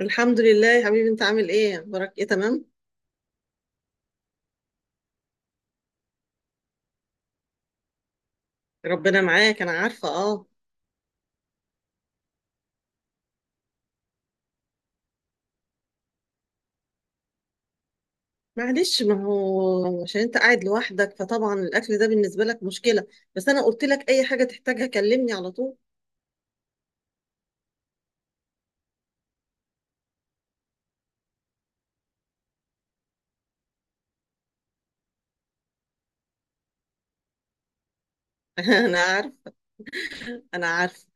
الحمد لله يا حبيبي، انت عامل ايه؟ اخبارك ايه؟ تمام. ربنا معاك، انا عارفه، اه. معلش، ما هو عشان انت قاعد لوحدك فطبعا الاكل ده بالنسبه لك مشكله. بس انا قلت لك اي حاجه تحتاجها كلمني على طول. انا عارف. انا عارف.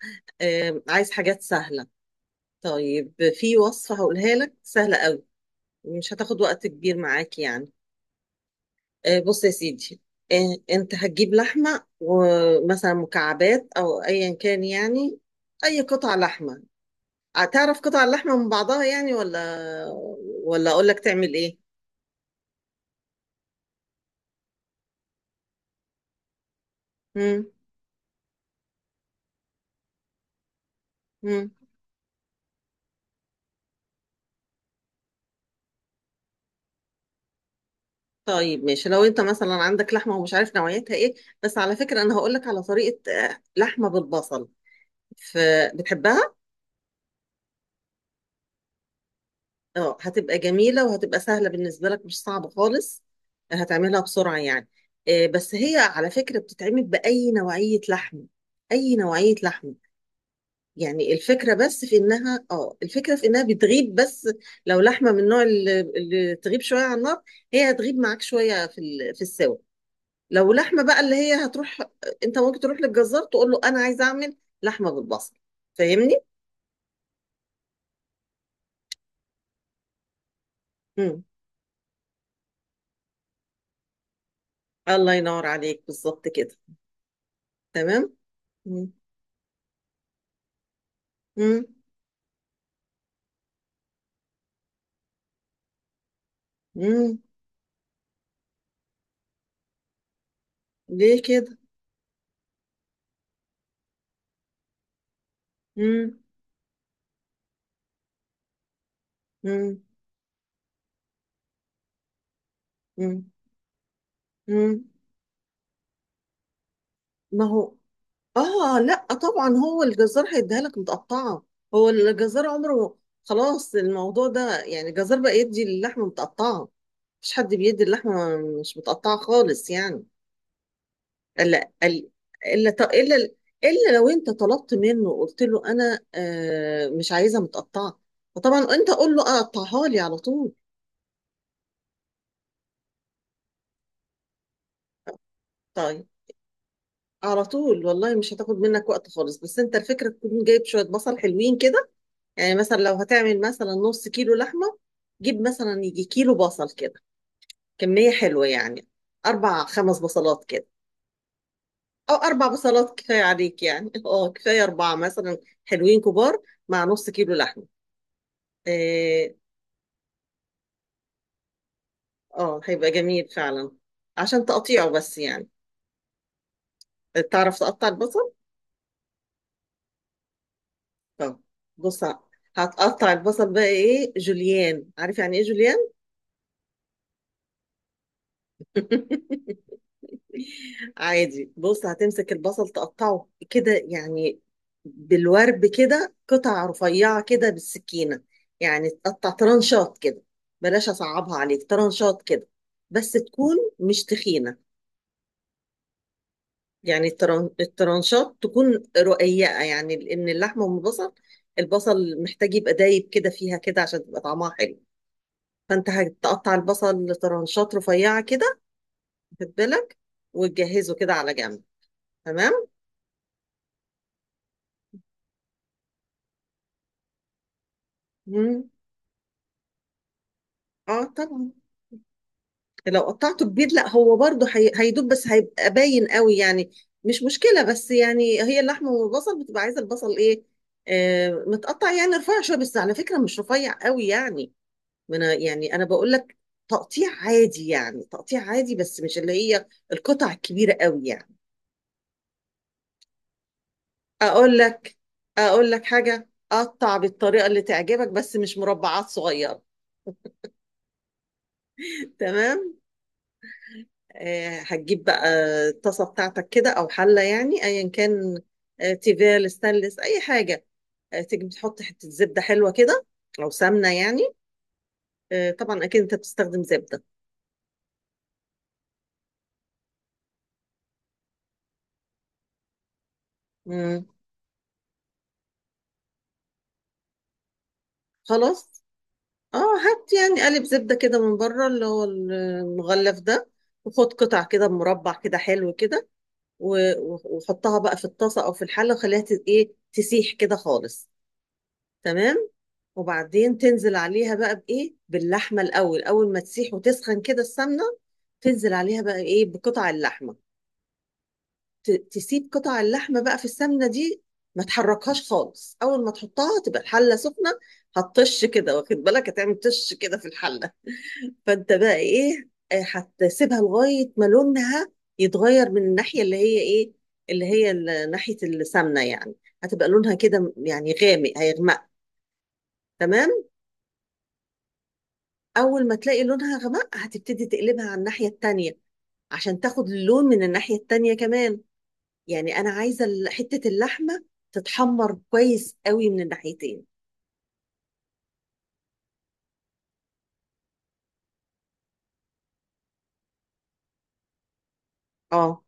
آه، عايز حاجات سهله. طيب، في وصفه هقولها لك سهله قوي، مش هتاخد وقت كبير معاك يعني. آه، بص يا سيدي. انت هتجيب لحمه ومثلا مكعبات او ايا كان يعني، اي قطع لحمه. هتعرف قطع اللحمة من بعضها يعني، ولا ولا اقول لك تعمل ايه؟ مم. مم. طيب ماشي، لو انت مثلا عندك لحمة ومش عارف نوعيتها ايه، بس على فكرة انا هقول لك على طريقة لحمة بالبصل. فبتحبها؟ اه، هتبقى جميلة وهتبقى سهلة بالنسبة لك، مش صعبة خالص. هتعملها بسرعة يعني. بس هي على فكرة بتتعمل بأي نوعية لحم، أي نوعية لحم. يعني الفكرة بس في إنها الفكرة في إنها بتغيب بس. لو لحمة من النوع اللي تغيب شوية على النار، هي هتغيب معاك شوية في ال- في السوا. لو لحمة بقى اللي هي هتروح، أنت ممكن تروح للجزار تقول له أنا عايزة أعمل لحمة بالبصل. فاهمني؟ مم. الله ينور عليك، بالظبط كده. تمام؟ مم. مم. مم. ليه كده؟ مم. مم. مم. مم. ما هو، اه لا طبعا هو الجزار هيديها لك متقطعه. هو الجزار عمره، خلاص الموضوع ده يعني، الجزار بقى يدي اللحمه متقطعه. مفيش حد بيدي اللحمه مش متقطعه خالص يعني. الا، الا الا, إلا لو انت طلبت منه قلت له انا مش عايزها متقطعه. فطبعا انت قول له اقطعها لي على طول. طيب، على طول والله مش هتاخد منك وقت خالص، بس انت الفكره تكون جايب شويه بصل حلوين كده. يعني مثلا لو هتعمل مثلا نص كيلو لحمة، جيب مثلا يجي كيلو بصل كده، كمية حلوة يعني، أربع خمس بصلات كده، أو أربع بصلات كفاية عليك يعني. أه كفاية أربعة مثلا، حلوين كبار، مع نص كيلو لحمة. آه. هيبقى جميل فعلا. عشان تقطيعه بس يعني، تعرف تقطع البصل؟ طب بص، هتقطع البصل بقى إيه جوليان. عارف يعني إيه جوليان؟ عادي بص، هتمسك البصل تقطعه كده يعني، بالورب كده قطع رفيعة كده بالسكينة. يعني تقطع طرنشات كده، بلاش أصعبها عليك طرنشات كده، بس تكون مش تخينة. يعني الطرنشات تكون رقيقة، يعني لأن اللحمة والبصل، البصل محتاج يبقى دايب كده فيها كده عشان تبقى طعمها حلو. فأنت هتقطع البصل لطرنشات رفيعة كده، خد بالك، وتجهزه كده على جنب. تمام؟ مم. اه طبعا. لو قطعته كبير لا، هو برضه هي هيدوب بس هيبقى باين قوي يعني. مش مشكله، بس يعني هي اللحمه والبصل بتبقى عايزه البصل ايه، متقطع يعني رفيع شويه، بس على فكره مش رفيع قوي يعني. ما انا يعني انا بقول لك تقطيع عادي، يعني تقطيع عادي بس مش اللي هي القطع الكبيره قوي يعني. اقول لك، اقول لك حاجه، قطع بالطريقه اللي تعجبك بس مش مربعات صغيره. تمام. هتجيب بقى الطاسة بتاعتك كده أو حلة يعني، أيا كان. تيفال، ستانلس، أي حاجة. تيجي تحط حتة زبدة حلوة كده، أو سمنة يعني. طبعا أكيد أنت بتستخدم زبدة. مم. خلاص، اه هات يعني قالب زبدة كده من بره اللي هو المغلف ده، وخد قطع كده مربع كده حلو كده، وحطها بقى في الطاسة أو في الحلة وخليها ت- إيه تسيح كده خالص. تمام. وبعدين تنزل عليها بقى بايه باللحمه الاول، اول ما تسيح وتسخن كده السمنه، تنزل عليها بقى ايه بقطع اللحمه. تسيب قطع اللحمه بقى في السمنه دي، ما تحركهاش خالص. اول ما تحطها تبقى الحله سخنه، هتطش كده، واخد بالك، هتعمل طش كده في الحله. فانت بقى ايه، هتسيبها لغايه ما لونها يتغير من الناحيه اللي هي ايه، اللي هي ال- ناحيه السمنه يعني. هتبقى لونها كده يعني غامق، هيغمق. تمام. اول ما تلاقي لونها غمق، هتبتدي تقلبها على الناحية التانية عشان تاخد اللون من الناحية التانية كمان. يعني انا عايزة ال- حتة اللحمة تتحمر كويس قوي من الناحيتين. اه.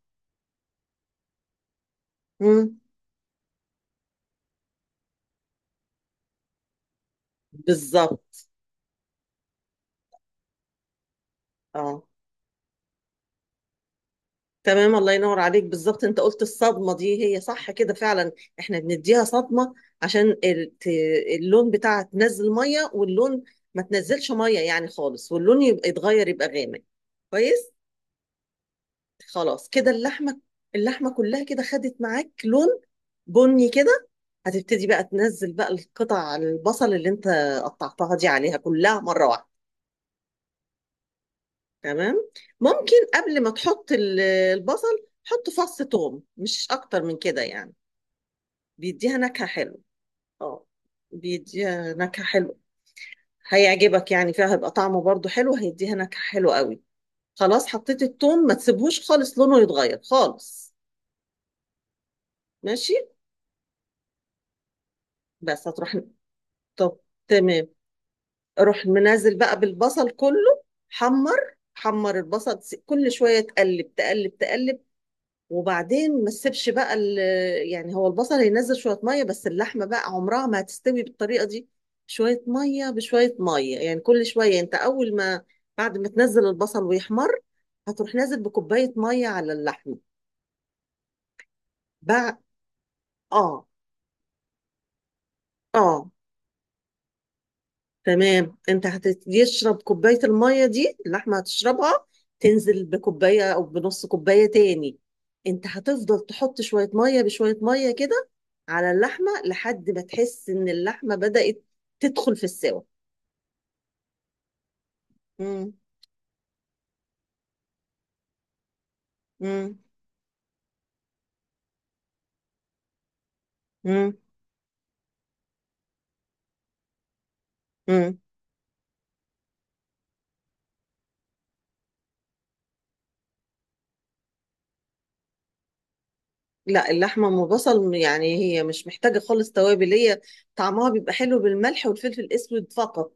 مم. بالظبط. اه تمام، الله ينور عليك، بالظبط. انت قلت الصدمة، دي هي صح كده فعلا. احنا بنديها صدمة عشان ال- ت- اللون بتاعها تنزل مية، واللون ما تنزلش مية يعني خالص، واللون يبقى يتغير يبقى غامق. كويس. خلاص كده اللحمه، اللحمه كلها كده خدت معاك لون بني كده. هتبتدي بقى تنزل بقى القطع البصل اللي انت قطعتها دي عليها كلها مره واحده. تمام. ممكن قبل ما تحط ال- البصل، حط فص ثوم، مش اكتر من كده يعني. بيديها نكهه حلوه. اه، بيديها نكهه حلوه، هيعجبك يعني فيها، هيبقى طعمه برضو حلو، هيديها نكهه حلوه قوي. خلاص حطيت الثوم ما تسيبهوش خالص لونه يتغير خالص. ماشي. بس هتروح. طب، تمام. اروح منزل بقى بالبصل كله. حمر حمر البصل، كل شويه تقلب تقلب تقلب. وبعدين ما تسيبش بقى ال- يعني هو البصل هينزل شويه ميه، بس اللحمه بقى عمرها ما هتستوي بالطريقه دي. شويه ميه بشويه ميه، يعني كل شويه يعني. انت اول ما بعد ما تنزل البصل ويحمر، هتروح نازل بكوبايه ميه على اللحمه بقى. اه. اه تمام، انت هتشرب كوباية المية دي اللحمة هتشربها. تنزل بكوباية او بنص كوباية تاني. انت هتفضل تحط شوية مية بشوية مية كده على اللحمة لحد ما تحس ان اللحمة بدأت تدخل في السوا. مم. مم. مم. مم. لا، اللحمة ام بصل يعني هي مش محتاجة خالص توابل. هي طعمها بيبقى حلو بالملح والفلفل الاسود فقط،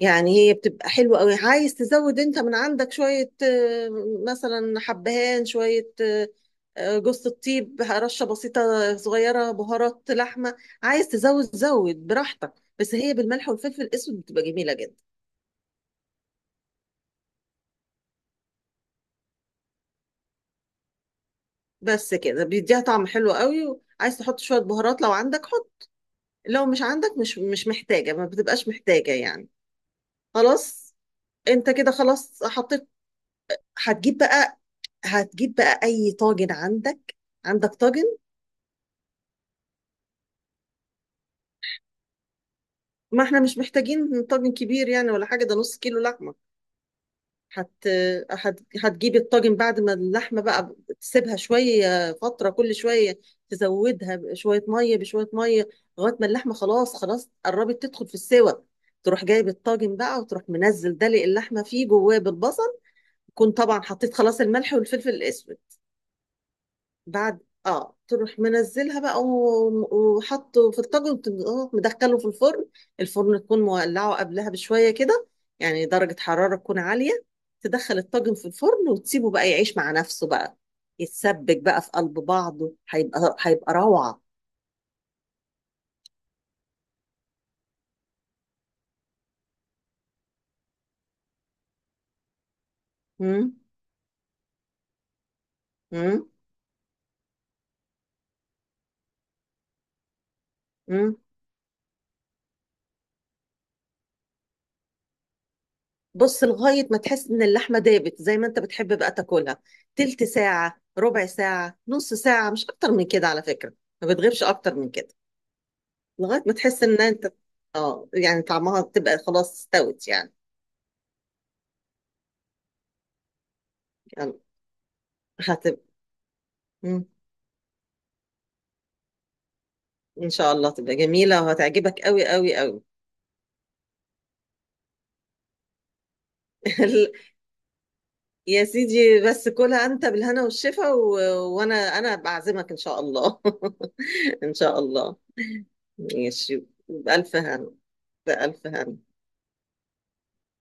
يعني هي بتبقى حلوة قوي. عايز تزود انت من عندك شوية مثلا حبهان، شوية جوز الطيب رشة بسيطة صغيرة، بهارات لحمة، عايز تزود زود براحتك. بس هي بالملح والفلفل الاسود بتبقى جميلة جدا. بس كده بيديها طعم حلو قوي. عايز تحط شوية بهارات لو عندك حط، لو مش عندك مش محتاجة، ما بتبقاش محتاجة يعني. خلاص. انت كده خلاص حطيت. هتجيب بقى، هتجيب بقى اي طاجن عندك. عندك طاجن؟ ما احنا مش محتاجين طاجن كبير يعني ولا حاجة، ده نص كيلو لحمة. هت... هتجيبي الطاجن بعد ما اللحمة بقى تسيبها شوية فترة، كل شوية تزودها بشوية مية بشوية مية، لغاية ما اللحمة خلاص خلاص قربت تدخل في السوى. تروح جايب الطاجن بقى، وتروح منزل دلق اللحمة فيه جواه بالبصل. تكون طبعا حطيت خلاص الملح والفلفل الأسود. بعد اه تروح منزلها بقى و- وحطه في الطاجن وتم- آه، مدخله في الفرن. الفرن تكون مولعه قبلها بشويه كده، يعني درجه حراره تكون عاليه. تدخل الطاجن في الفرن وتسيبه بقى يعيش مع نفسه بقى، يتسبك بقى في قلب بعضه، هيبقى روعه. مم، مم، مم. بص لغايه ما تحس ان اللحمه دابت زي ما انت بتحب بقى تاكلها. تلت ساعه، ربع ساعه، نص ساعه، مش اكتر من كده على فكره. ما بتغيبش اكتر من كده. لغاية ما تحس ان انت اه يعني طعمها تبقى خلاص استوت يعني. يعني هتبقى. مم. ان شاء الله تبقى جميلة وهتعجبك قوي قوي قوي. يا سيدي، بس كلها انت بالهنا والشفا، و... وانا انا بعزمك ان شاء الله. ان شاء الله. ماشي، بألف هنا، بألف هنا.